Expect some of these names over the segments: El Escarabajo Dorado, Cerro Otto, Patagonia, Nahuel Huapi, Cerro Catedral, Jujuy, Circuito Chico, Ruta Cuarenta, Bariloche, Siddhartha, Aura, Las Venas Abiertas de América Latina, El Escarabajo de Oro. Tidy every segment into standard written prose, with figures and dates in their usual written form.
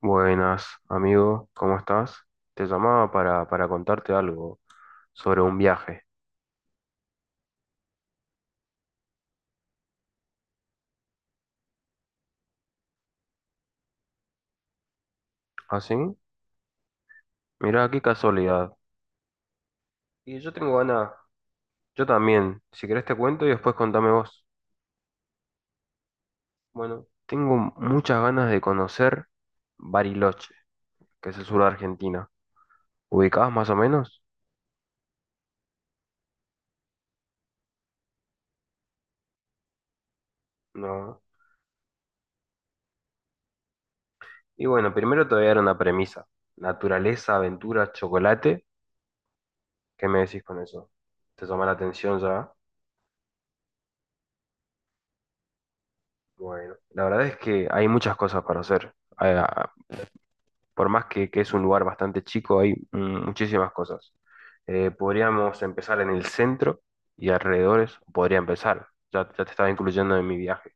Buenas, amigo, ¿cómo estás? Te llamaba para contarte algo sobre un viaje. ¿Ah, sí? Mirá, qué casualidad. Y yo tengo ganas, yo también. Si querés te cuento y después contame vos. Bueno, tengo muchas ganas de conocer Bariloche, que es el sur de Argentina. ¿Ubicás más o menos? No. Y bueno, primero te voy a dar una premisa. Naturaleza, aventura, chocolate. ¿Qué me decís con eso? ¿Te llama la atención ya? Bueno, la verdad es que hay muchas cosas para hacer. Ah, por más que es un lugar bastante chico, hay muchísimas cosas. Podríamos empezar en el centro y alrededores. Podría empezar. Ya te estaba incluyendo en mi viaje.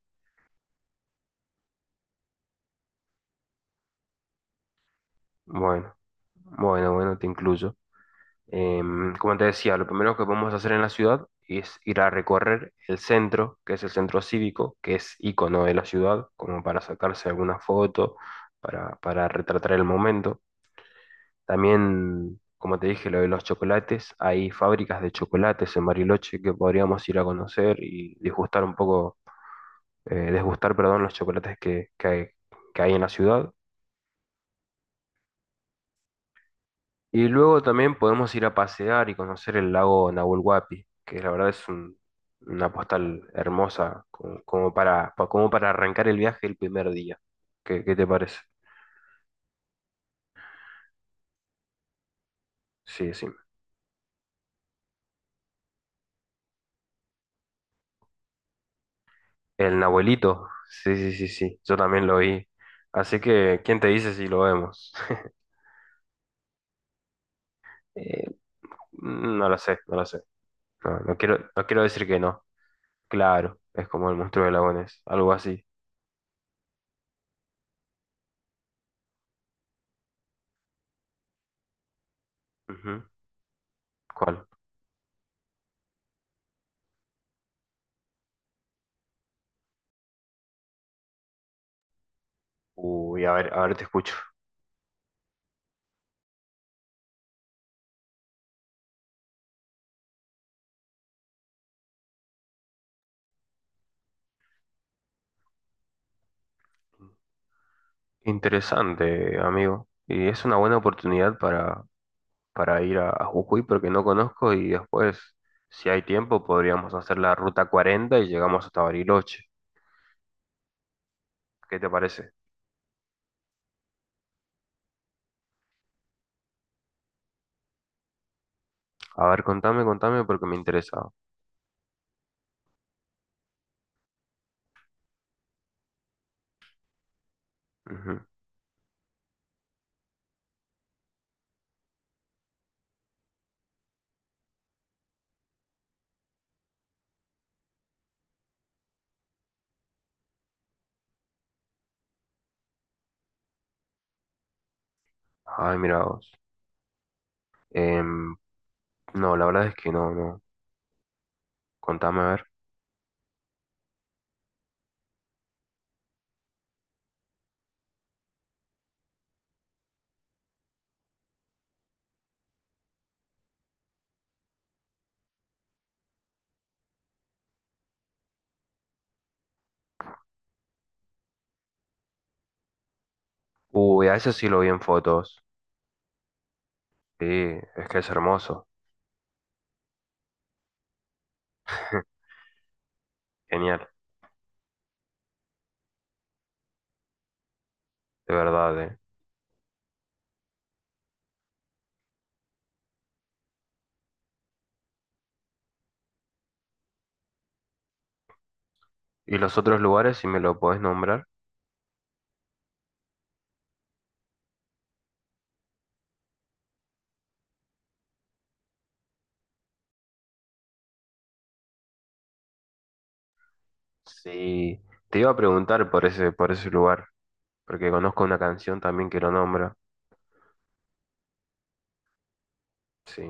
Bueno, bueno, te incluyo. Como te decía, lo primero que podemos hacer en la ciudad es ir a recorrer el centro, que es el centro cívico, que es icono de la ciudad, como para sacarse alguna foto, para retratar el momento. También, como te dije, lo de los chocolates, hay fábricas de chocolates en Bariloche que podríamos ir a conocer y disgustar un poco, desgustar, perdón, los chocolates que hay en la ciudad. Y luego también podemos ir a pasear y conocer el lago Nahuel Huapi, que la verdad una postal hermosa como para arrancar el viaje el primer día. ¿Qué te parece? Sí, sí. El Nahuelito, sí, sí, sí, sí, yo también lo vi. Así que, ¿quién te dice si lo vemos? Eh, no lo sé, no lo sé. No, no quiero decir que no. Claro, es como el monstruo de lagones, algo así. Ujú. ¿Cuál? Uy, a ver, te escucho. Interesante, amigo. Y es una buena oportunidad para ir a Jujuy porque no conozco y después, si hay tiempo, podríamos hacer la ruta 40 y llegamos hasta Bariloche. ¿Qué te parece? A ver, contame, contame porque me interesa. Ujú. Ay, mira vos. Em, no, la verdad es que no, no. Contame a ver. Uy, a eso sí lo vi en fotos. Sí, es que es hermoso. Genial, de verdad, eh. ¿Y los otros lugares, si me lo podés nombrar? Sí, te iba a preguntar por ese lugar, porque conozco una canción también que lo nombra. Sí,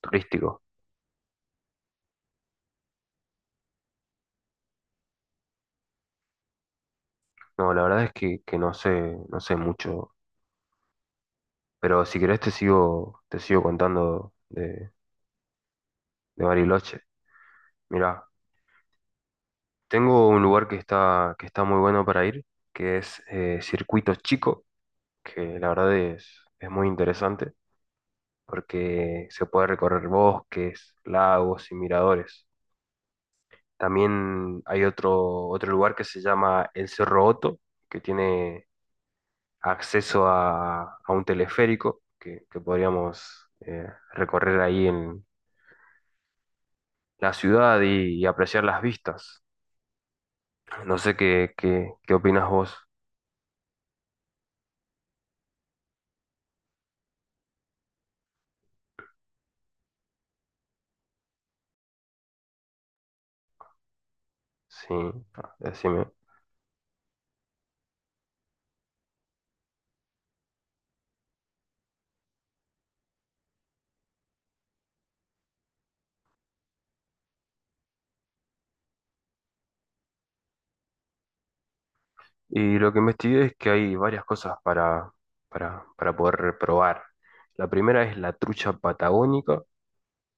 turístico. No, la verdad es que no sé, no sé mucho. Pero si querés te sigo contando de Bariloche. Mirá, tengo un lugar que está muy bueno para ir, que es Circuito Chico. Que la verdad es muy interesante porque se puede recorrer bosques, lagos y miradores. También hay otro lugar que se llama el Cerro Otto, que tiene acceso a un teleférico que podríamos recorrer ahí en la ciudad y apreciar las vistas. No sé qué opinas vos. Sí, decime. Y lo que investigué es que hay varias cosas para poder probar. La primera es la trucha patagónica,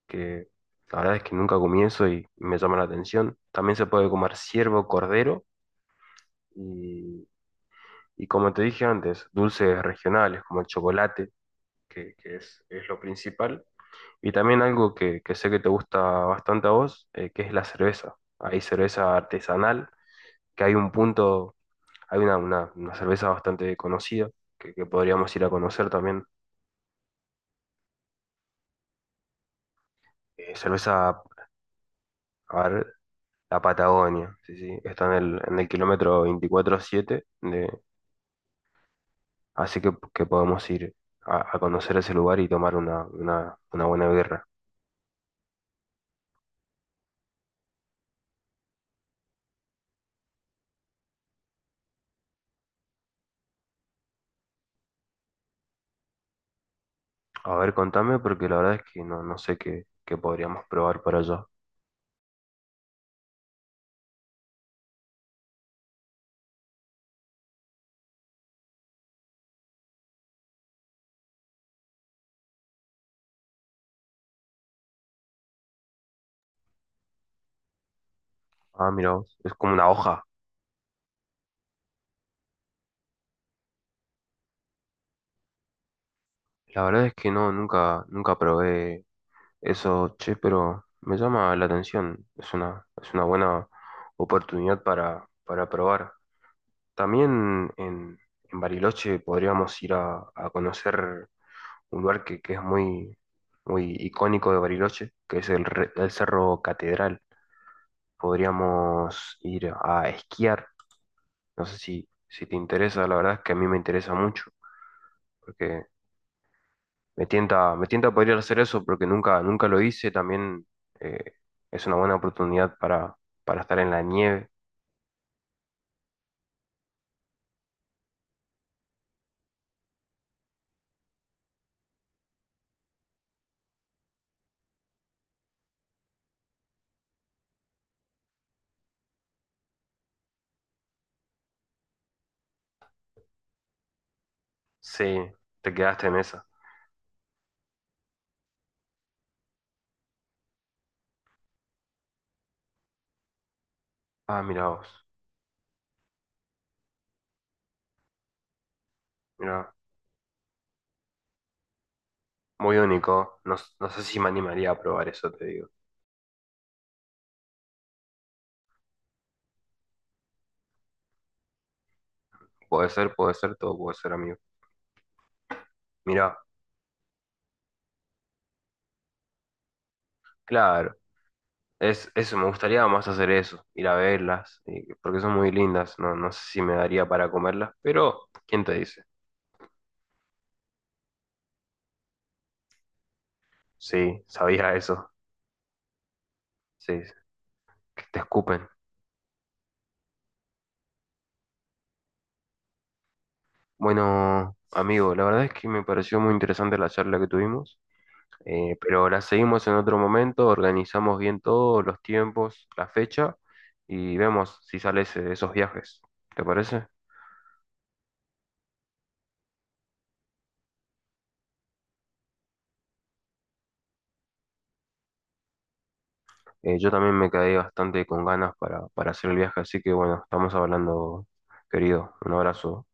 que la verdad es que nunca comí eso y me llama la atención. También se puede comer ciervo, cordero y, y como te dije antes, dulces regionales como el chocolate, es lo principal. Y también algo que sé que te gusta bastante a vos, que es la cerveza. Hay cerveza artesanal, que hay un punto. Hay una cerveza bastante conocida que podríamos ir a conocer también. Eh, cerveza, a ver, la Patagonia, sí, sí, está en el kilómetro 24,7, así que podemos ir a conocer ese lugar y tomar una buena birra. A ver, contame, porque la verdad es que no, no sé qué podríamos probar para allá. Ah, mira vos, es como una hoja. La verdad es que no, nunca probé eso, che, pero me llama la atención. Es una buena oportunidad para probar. También en Bariloche podríamos ir a conocer un lugar que es muy icónico de Bariloche, que es el Cerro Catedral. Podríamos ir a esquiar. No sé si te interesa, la verdad es que a mí me interesa mucho, porque me tienta, me tienta poder hacer eso porque nunca lo hice. También eh, es una buena oportunidad para estar en la nieve. Sí, te quedaste en esa. Ah, mira vos. Mira, muy único. No, no sé si me animaría a probar eso, te digo. Puede ser, todo puede ser, amigo. Mira, claro. Es, eso, me gustaría más hacer eso, ir a verlas, porque son muy lindas. No, no sé si me daría para comerlas, pero ¿quién te dice? Sí, sabía eso. Sí, que te escupen. Bueno, amigo, la verdad es que me pareció muy interesante la charla que tuvimos, pero la seguimos en otro momento, organizamos bien todos los tiempos, la fecha y vemos si sales de esos viajes. ¿Te parece? Yo también me quedé bastante con ganas para hacer el viaje, así que bueno, estamos hablando, querido. Un abrazo.